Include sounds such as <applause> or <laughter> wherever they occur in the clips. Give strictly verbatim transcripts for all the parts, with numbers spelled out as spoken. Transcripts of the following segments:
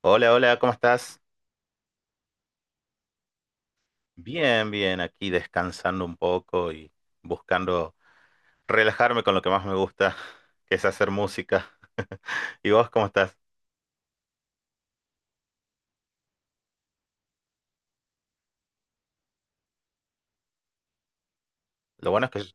Hola, hola, ¿cómo estás? Bien, bien, aquí descansando un poco y buscando relajarme con lo que más me gusta, <laughs> que es hacer música. <laughs> ¿Y vos cómo estás? Lo bueno es que,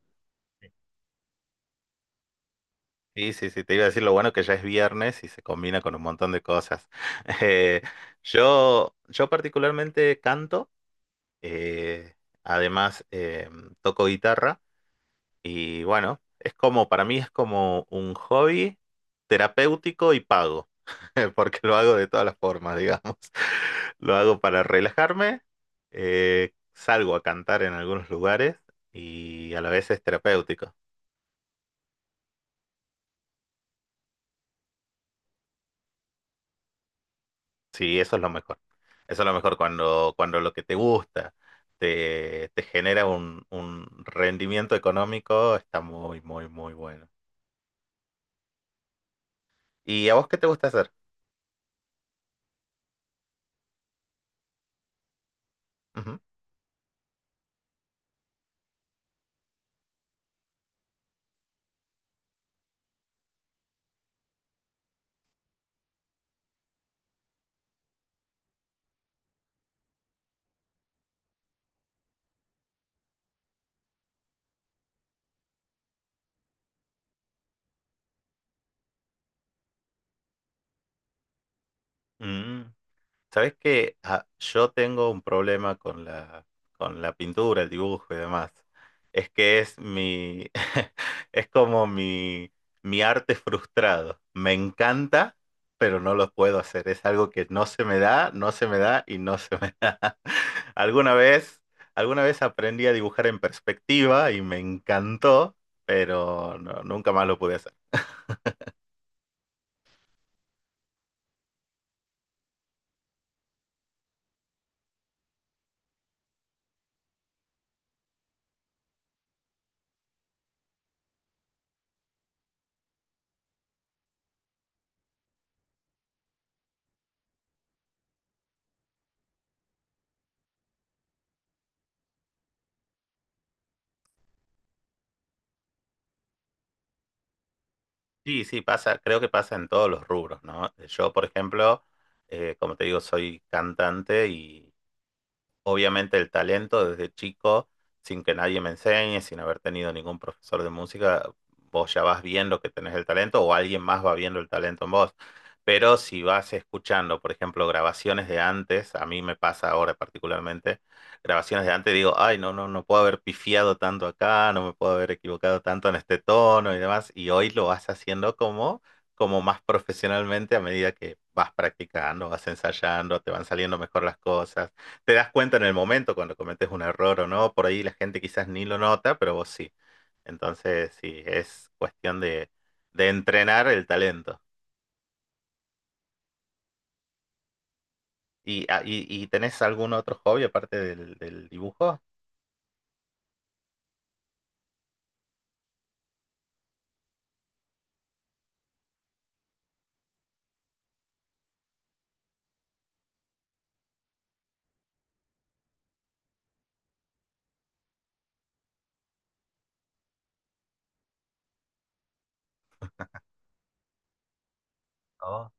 sí, sí, sí, te iba a decir lo bueno que ya es viernes y se combina con un montón de cosas. <laughs> Eh, yo, yo particularmente canto, eh, además eh, toco guitarra. Y bueno, es como, para mí es como un hobby terapéutico y pago, <laughs> porque lo hago de todas las formas, digamos. <laughs> Lo hago para relajarme, eh, salgo a cantar en algunos lugares y a la vez es terapéutico. Sí, eso es lo mejor. Eso es lo mejor cuando, cuando lo que te gusta te, te genera un, un rendimiento económico, está muy, muy, muy bueno. ¿Y a vos qué te gusta hacer? Ujú. Mm. Sabes que ah, yo tengo un problema con la, con la pintura, el dibujo y demás. Es que es mi, <laughs> es como mi, mi arte frustrado. Me encanta, pero no lo puedo hacer. Es algo que no se me da, no se me da y no se me <laughs> da. Alguna vez, alguna vez aprendí a dibujar en perspectiva y me encantó, pero no- nunca más lo pude hacer. Sí, sí, pasa, creo que pasa en todos los rubros, ¿no? Yo, por ejemplo, eh, como te digo, soy cantante y, obviamente el talento desde chico, sin que nadie me enseñe, sin haber tenido ningún profesor de música, vos ya vas viendo que tenés el talento o alguien más va viendo el talento en vos. Pero si vas escuchando, por ejemplo, grabaciones de antes, a mí me pasa ahora particularmente, grabaciones de antes, digo, ay, no, no, no puedo haber pifiado tanto acá, no me puedo haber equivocado tanto en este tono y demás, y hoy lo vas haciendo como, como más profesionalmente a medida que vas practicando, vas ensayando, te van saliendo mejor las cosas, te das cuenta en el momento cuando cometes un error o no, por ahí la gente quizás ni lo nota, pero vos sí. Entonces, sí, es cuestión de, de entrenar el talento. ¿Y, ah, y, y tenés algún otro hobby aparte del, del dibujo? No.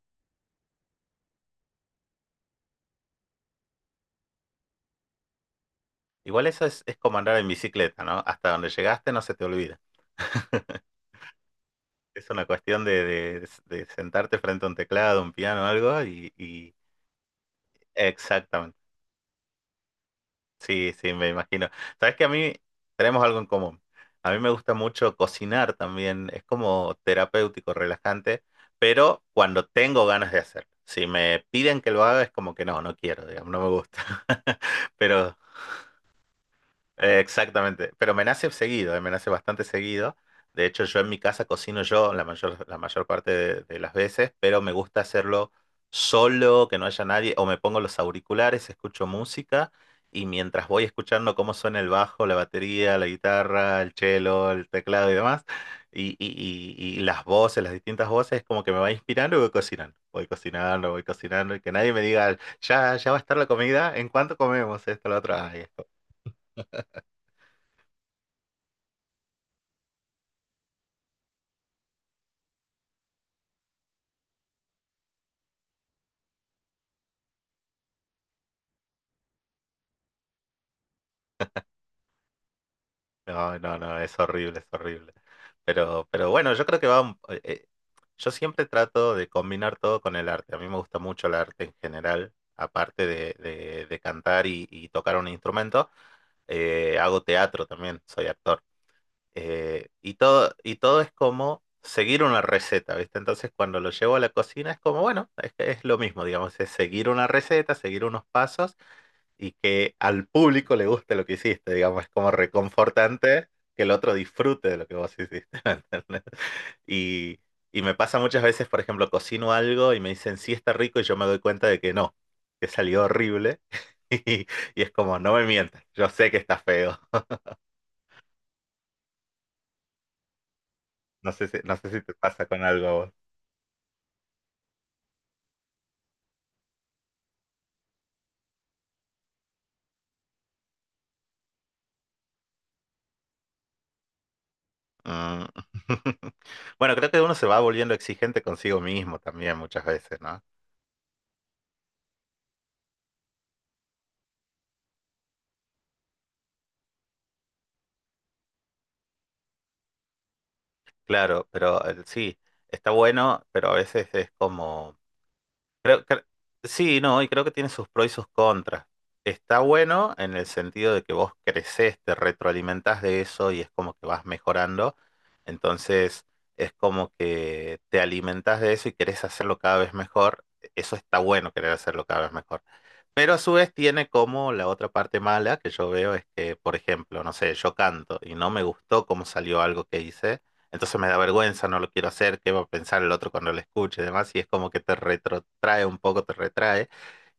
Igual eso es, es como andar en bicicleta, ¿no? Hasta donde llegaste no se te olvida. <laughs> Es una cuestión de, de- de sentarte frente a un teclado, un piano, algo y y- exactamente. Sí, sí, me imagino. Sabes que a mí tenemos algo en común. A mí me gusta mucho cocinar también. Es como terapéutico, relajante, pero cuando tengo ganas de hacerlo. Si me piden que lo haga, es como que no, no quiero, digamos, no me gusta. <laughs> Pero eh, exactamente, pero me nace seguido, eh, me nace bastante seguido. De hecho, yo en mi casa cocino yo la mayor, la mayor parte de, de las veces, pero me gusta hacerlo solo, que no haya nadie, o me pongo los auriculares, escucho música y mientras voy escuchando cómo suena el bajo, la batería, la guitarra, el cello, el teclado y demás, y, y, y, y las voces, las distintas voces, como que me va inspirando y voy cocinando, voy cocinando, voy cocinando, y que nadie me diga, ya, ya va a estar la comida, ¿en cuánto comemos esto, lo otro? Ay, no, no, no, es horrible, es horrible. Pero, pero bueno, yo creo que va. Un- eh, eh, yo siempre trato de combinar todo con el arte. A mí me gusta mucho el arte en general. Aparte de, de- de cantar y, y tocar un instrumento, eh, hago teatro también, soy actor. Eh, y todo, y todo es como seguir una receta, ¿viste? Entonces, cuando lo llevo a la cocina es como, bueno, es, es lo mismo, digamos, es seguir una receta, seguir unos pasos y que al público le guste lo que hiciste, digamos, es como reconfortante que el otro disfrute de lo que vos hiciste, <laughs> ¿me entendés? Y, y me pasa muchas veces, por ejemplo, cocino algo y me dicen, sí está rico, y yo me doy cuenta de que no, que salió horrible, <laughs> y, y es como, no me mientas, yo sé que está feo, <laughs> no sé si, no sé si te pasa con algo a vos. Mm. <laughs> Bueno, creo que uno se va volviendo exigente consigo mismo también muchas veces, ¿no? Claro, pero eh, sí, está bueno, pero a veces es como... Creo, cre- sí, no, y creo que tiene sus pros y sus contras. Está bueno en el sentido de que vos creces, te retroalimentás de eso y es como que vas mejorando. Entonces es como que te alimentás de eso y querés hacerlo cada vez mejor. Eso está bueno, querer hacerlo cada vez mejor. Pero a su vez tiene como la otra parte mala que yo veo es que, por ejemplo, no sé, yo canto y no me gustó cómo salió algo que hice, entonces me da vergüenza, no lo quiero hacer, qué va a pensar el otro cuando lo escuche y demás, y es como que te retrotrae un poco, te retrae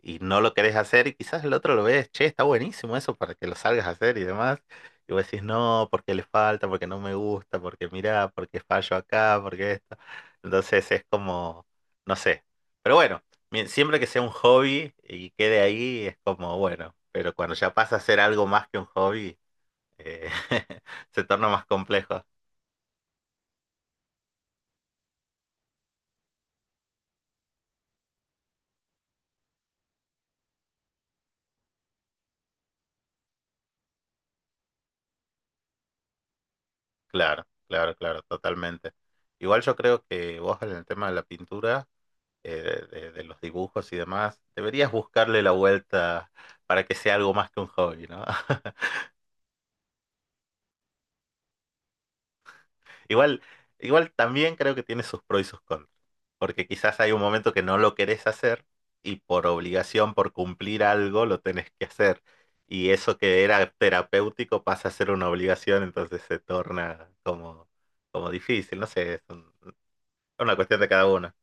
y no lo querés hacer y quizás el otro lo ves, che, está buenísimo eso para que lo salgas a hacer y demás, y vos decís, no, porque le falta, porque no me gusta, porque mirá, porque fallo acá, porque esto, entonces es como, no sé, pero bueno. Mien- Siempre que sea un hobby y quede ahí, es como bueno, pero cuando ya pasa a ser algo más que un hobby, eh, <laughs> se torna más complejo. Claro, claro, claro, totalmente. Igual yo creo que vos en el tema de la pintura, eh, de, de los dibujos y demás, deberías buscarle la vuelta para que sea algo más que un hobby, ¿no? <laughs> Igual, igual también creo que tiene sus pros y sus contras, porque quizás hay un momento que no lo querés hacer y por obligación, por cumplir algo, lo tenés que hacer. Y eso que era terapéutico pasa a ser una obligación, entonces se torna como, como difícil, no sé, es un- una cuestión de cada uno.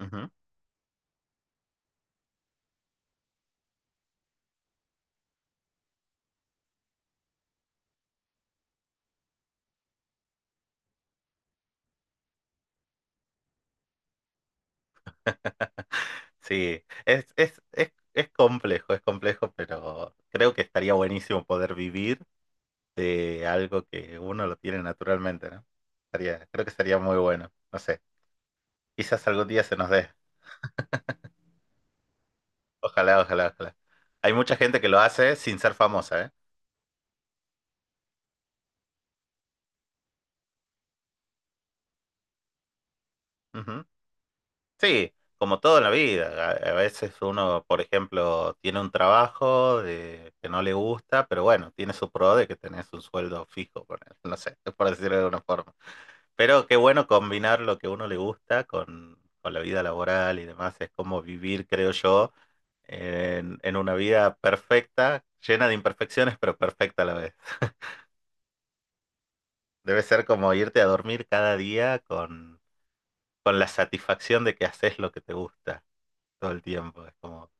Ujú. Sí, es, es, es, es complejo, es complejo, pero creo que estaría buenísimo poder vivir de algo que uno lo tiene naturalmente, ¿no? Estaría- creo que sería muy bueno. No sé. Quizás algún día se nos dé. Ojalá, ojalá, ojalá. Hay mucha gente que lo hace sin ser famosa, ¿eh? Ujú. Sí, como todo en la vida. A, a veces uno, por ejemplo, tiene un trabajo de- que no le gusta, pero bueno, tiene su pro de que tenés un sueldo fijo, por, no sé, <laughs> por decirlo de alguna forma. Pero qué bueno combinar lo que uno le gusta con, con la vida laboral y demás. Es como vivir, creo yo, en en una vida perfecta, llena de imperfecciones, pero perfecta a la vez. <laughs> Debe ser como irte a dormir cada día con, con la satisfacción de que haces lo que te gusta todo el tiempo. Es como,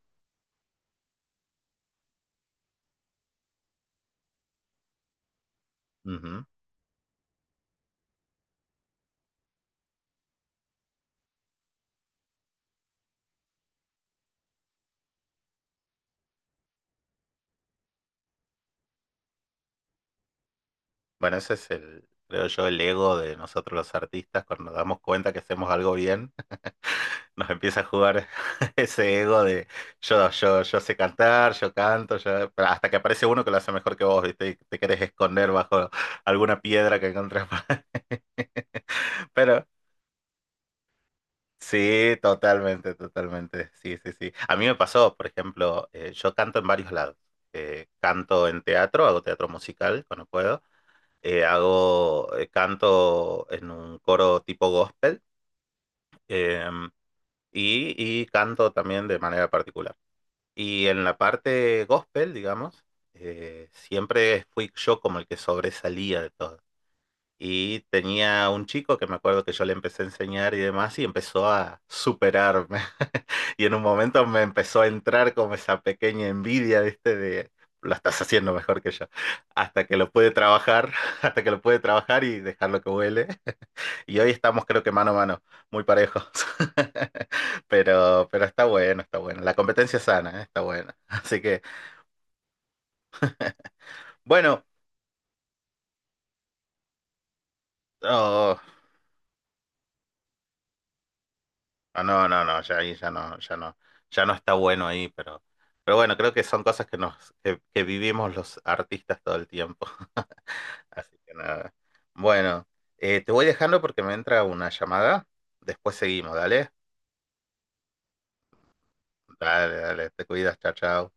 ujú. Bueno, ese es el, creo yo, el ego de nosotros los artistas. Cuando nos damos cuenta que hacemos algo bien, <laughs> nos empieza a jugar <laughs> ese ego de yo, yo, yo sé cantar, yo canto, yo, pero hasta que aparece uno que lo hace mejor que vos, ¿viste? Y te querés esconder bajo alguna piedra que encontrás. <laughs> Pero sí, totalmente, totalmente. Sí, sí, sí. A mí me pasó, por ejemplo, eh, yo canto en varios lados. Eh, canto en teatro, hago teatro musical cuando puedo. Eh, hago, eh, canto en un coro tipo gospel em, y, y canto también de manera particular. Y en la parte gospel, digamos, eh, siempre fui yo como el que sobresalía de todo y tenía un chico que me acuerdo que yo le empecé a enseñar y demás y empezó a superarme. <laughs> Y en un momento me empezó a entrar como esa pequeña envidia, ¿viste? De lo estás haciendo mejor que yo. Hasta que lo pude trabajar, <laughs> hasta que lo pude trabajar y dejarlo que huele. <laughs> Y hoy estamos creo que mano a mano, muy parejos. <laughs> Pero, pero está bueno, está bueno. La competencia sana, ¿eh? Está buena. Así que, bueno. oh, Ah, no, no, no, ya ahí ya no, ya no, ya no está bueno ahí, pero, pero bueno, creo que son cosas que nos, que, que vivimos los artistas todo el tiempo. <laughs> Así que nada. Bueno, eh, te voy dejando porque me entra una llamada. Después seguimos, dale. Dale, dale, te cuidas, chao, chao.